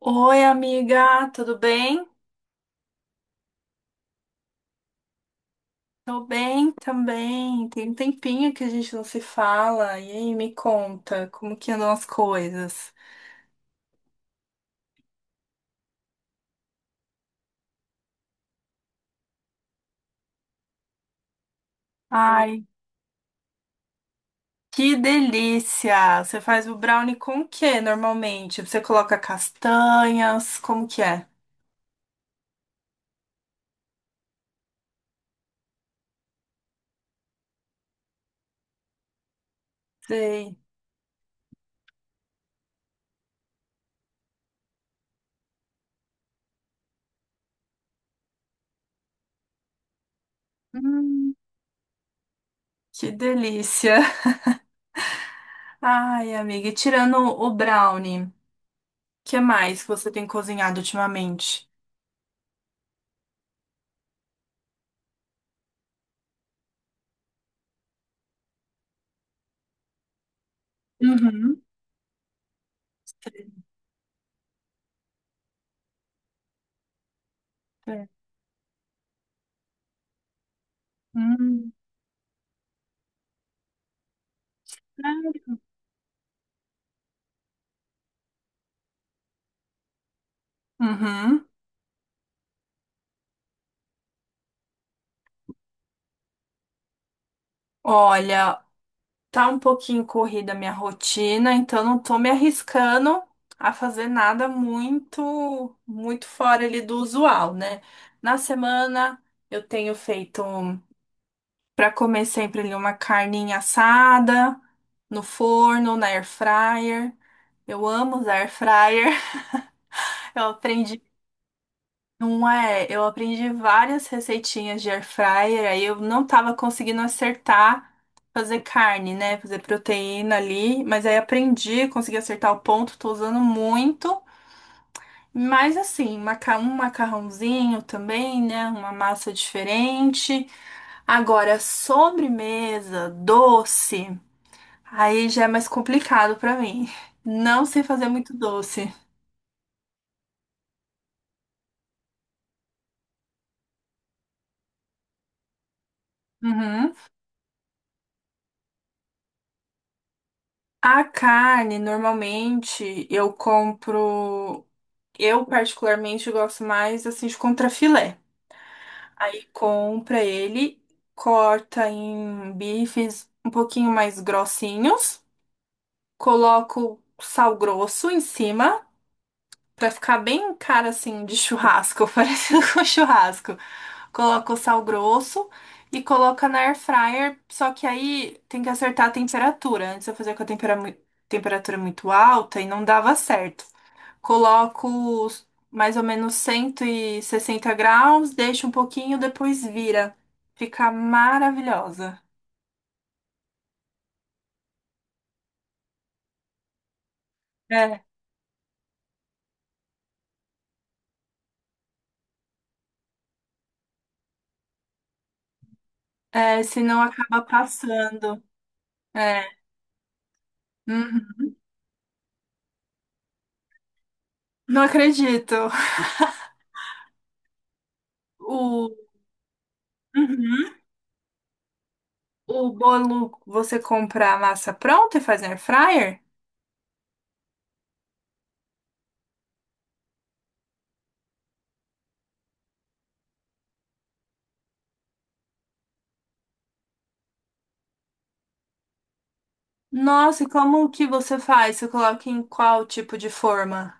Oi, amiga, tudo bem? Tô bem também. Tem um tempinho que a gente não se fala. E aí, me conta, como que andam as coisas? Ai, que delícia! Você faz o brownie com o quê normalmente? Você coloca castanhas? Como que é? Sei. Hum, que delícia! Ai, amiga, e tirando o brownie, o que mais que você tem cozinhado ultimamente? Uhum. É. Hum. Uhum. Olha, tá um pouquinho corrida a minha rotina, então não tô me arriscando a fazer nada muito, muito fora ali do usual, né? Na semana eu tenho feito para comer sempre ali uma carninha assada no forno, na air fryer. Eu amo usar air fryer. Eu aprendi Não é, eu aprendi várias receitinhas de air fryer, aí eu não tava conseguindo acertar fazer carne, né? Fazer proteína ali, mas aí aprendi, consegui acertar o ponto, tô usando muito. Mas assim, um macarrãozinho também, né? Uma massa diferente. Agora, sobremesa, doce, aí já é mais complicado pra mim. Não sei fazer muito doce. Uhum. A carne, normalmente, eu compro. Eu, particularmente, gosto mais assim de contrafilé. Aí compra ele, corta em bifes um pouquinho mais grossinhos, coloco sal grosso em cima, pra ficar bem cara assim de churrasco, parecido com churrasco. Coloca o sal grosso e coloca na air fryer, só que aí tem que acertar a temperatura. Antes eu fazia com a temperatura muito alta e não dava certo. Coloco mais ou menos 160 graus, deixo um pouquinho, depois vira. Fica maravilhosa. É, é, senão acaba passando. É. Uhum. Não acredito. O. Uhum. O bolo você compra a massa pronta e faz na air fryer? Nossa, e como que você faz? Você coloca em qual tipo de forma?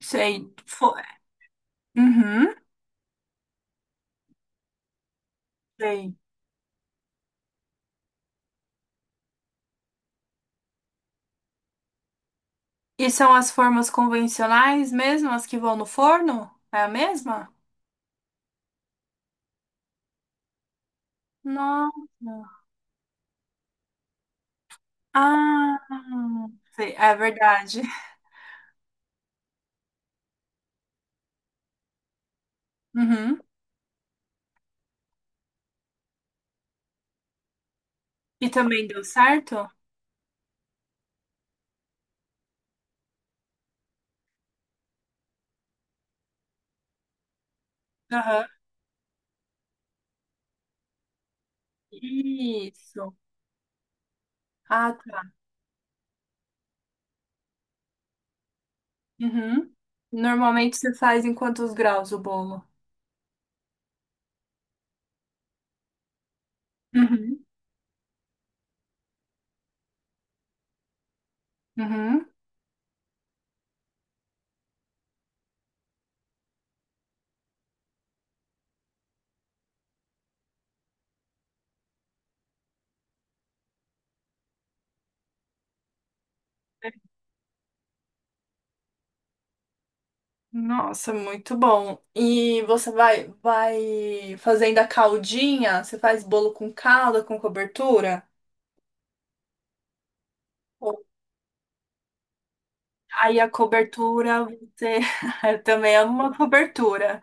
Sei. Uhum. Sei. E são as formas convencionais mesmo, as que vão no forno? É a mesma? Nossa. Ah, sei, é verdade. Uhum. E também deu certo? Aham. Isso. Ah, tá. Uhum. Normalmente você faz em quantos graus o bolo? Uhum. Uhum. Nossa, muito bom. E você vai fazendo a caldinha? Você faz bolo com calda, com cobertura? Aí a cobertura, você. Eu também amo uma cobertura.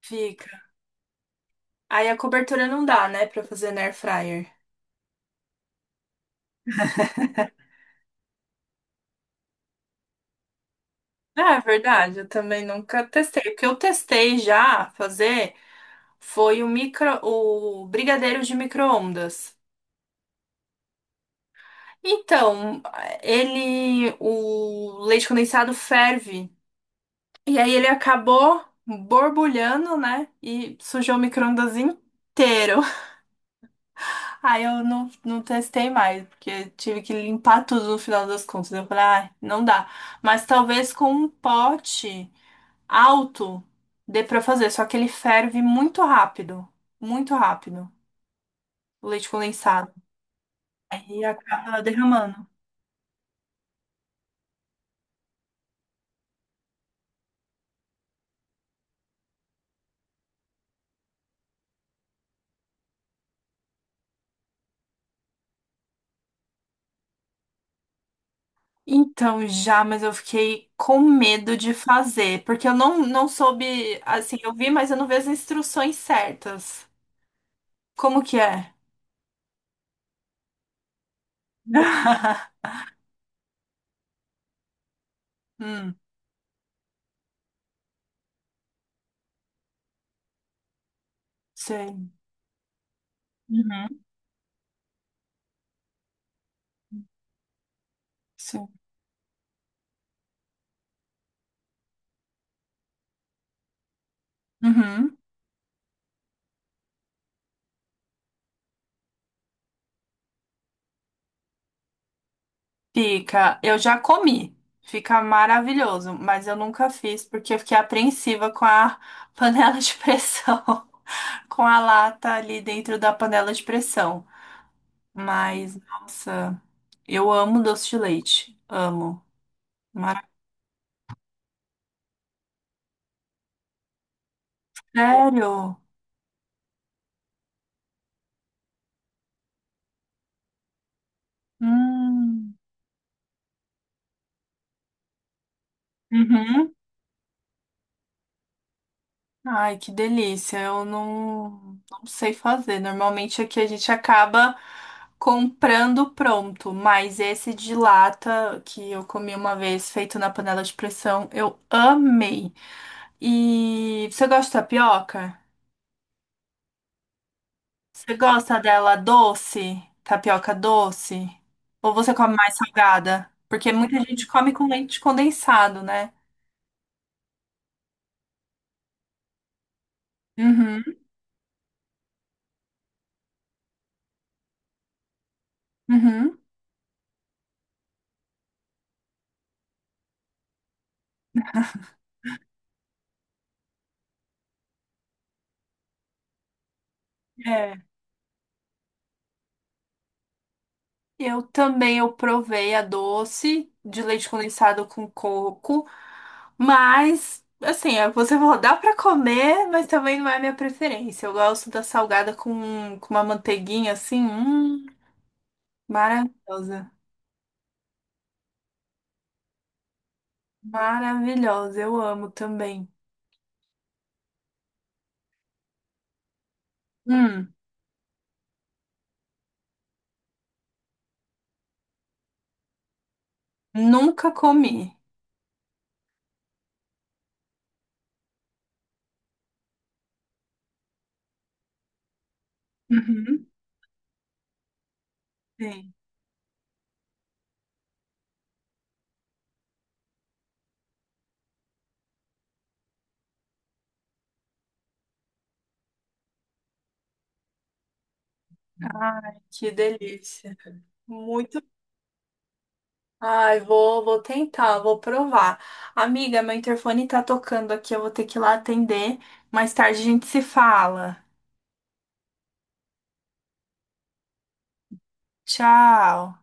Fica. Aí a cobertura não dá, né, pra fazer na air fryer. Ah, é verdade, eu também nunca testei. O que eu testei já fazer foi o micro, o brigadeiro de micro-ondas. Então, ele, o leite condensado ferve. E aí ele acabou borbulhando, né? E sujou o micro-ondas inteiro. Aí eu não, não testei mais, porque tive que limpar tudo no final das contas. Eu falei, ah, não dá. Mas talvez com um pote alto dê pra fazer, só que ele ferve muito rápido, o leite condensado. Aí acaba derramando. Então, já, mas eu fiquei com medo de fazer, porque eu não, não soube, assim, eu vi, mas eu não vi as instruções certas. Como que é? Hum, sei. Uhum, sei. Uhum. Fica, eu já comi, fica maravilhoso, mas eu nunca fiz porque eu fiquei apreensiva com a panela de pressão, com a lata ali dentro da panela de pressão. Mas, nossa, eu amo doce de leite, amo. Mara- Sério? Hum. Uhum. Ai, que delícia. Eu não, não sei fazer. Normalmente aqui a gente acaba comprando pronto, mas esse de lata que eu comi uma vez, feito na panela de pressão, eu amei. E você gosta de tapioca? Você gosta dela doce? Tapioca doce? Ou você come mais salgada? Porque muita gente come com leite condensado, né? Uhum, uhum. É. Eu também eu provei a doce de leite condensado com coco, mas assim, é, você falou, dá pra comer, mas também não é a minha preferência. Eu gosto da salgada com uma manteiguinha assim, maravilhosa. Maravilhosa, eu amo também. Hum, Nunca comi. Uhum. Sim. Ai, que delícia. Muito Ai, vou tentar, vou provar. Amiga, meu interfone tá tocando aqui, eu vou ter que ir lá atender. Mais tarde a gente se fala. Tchau.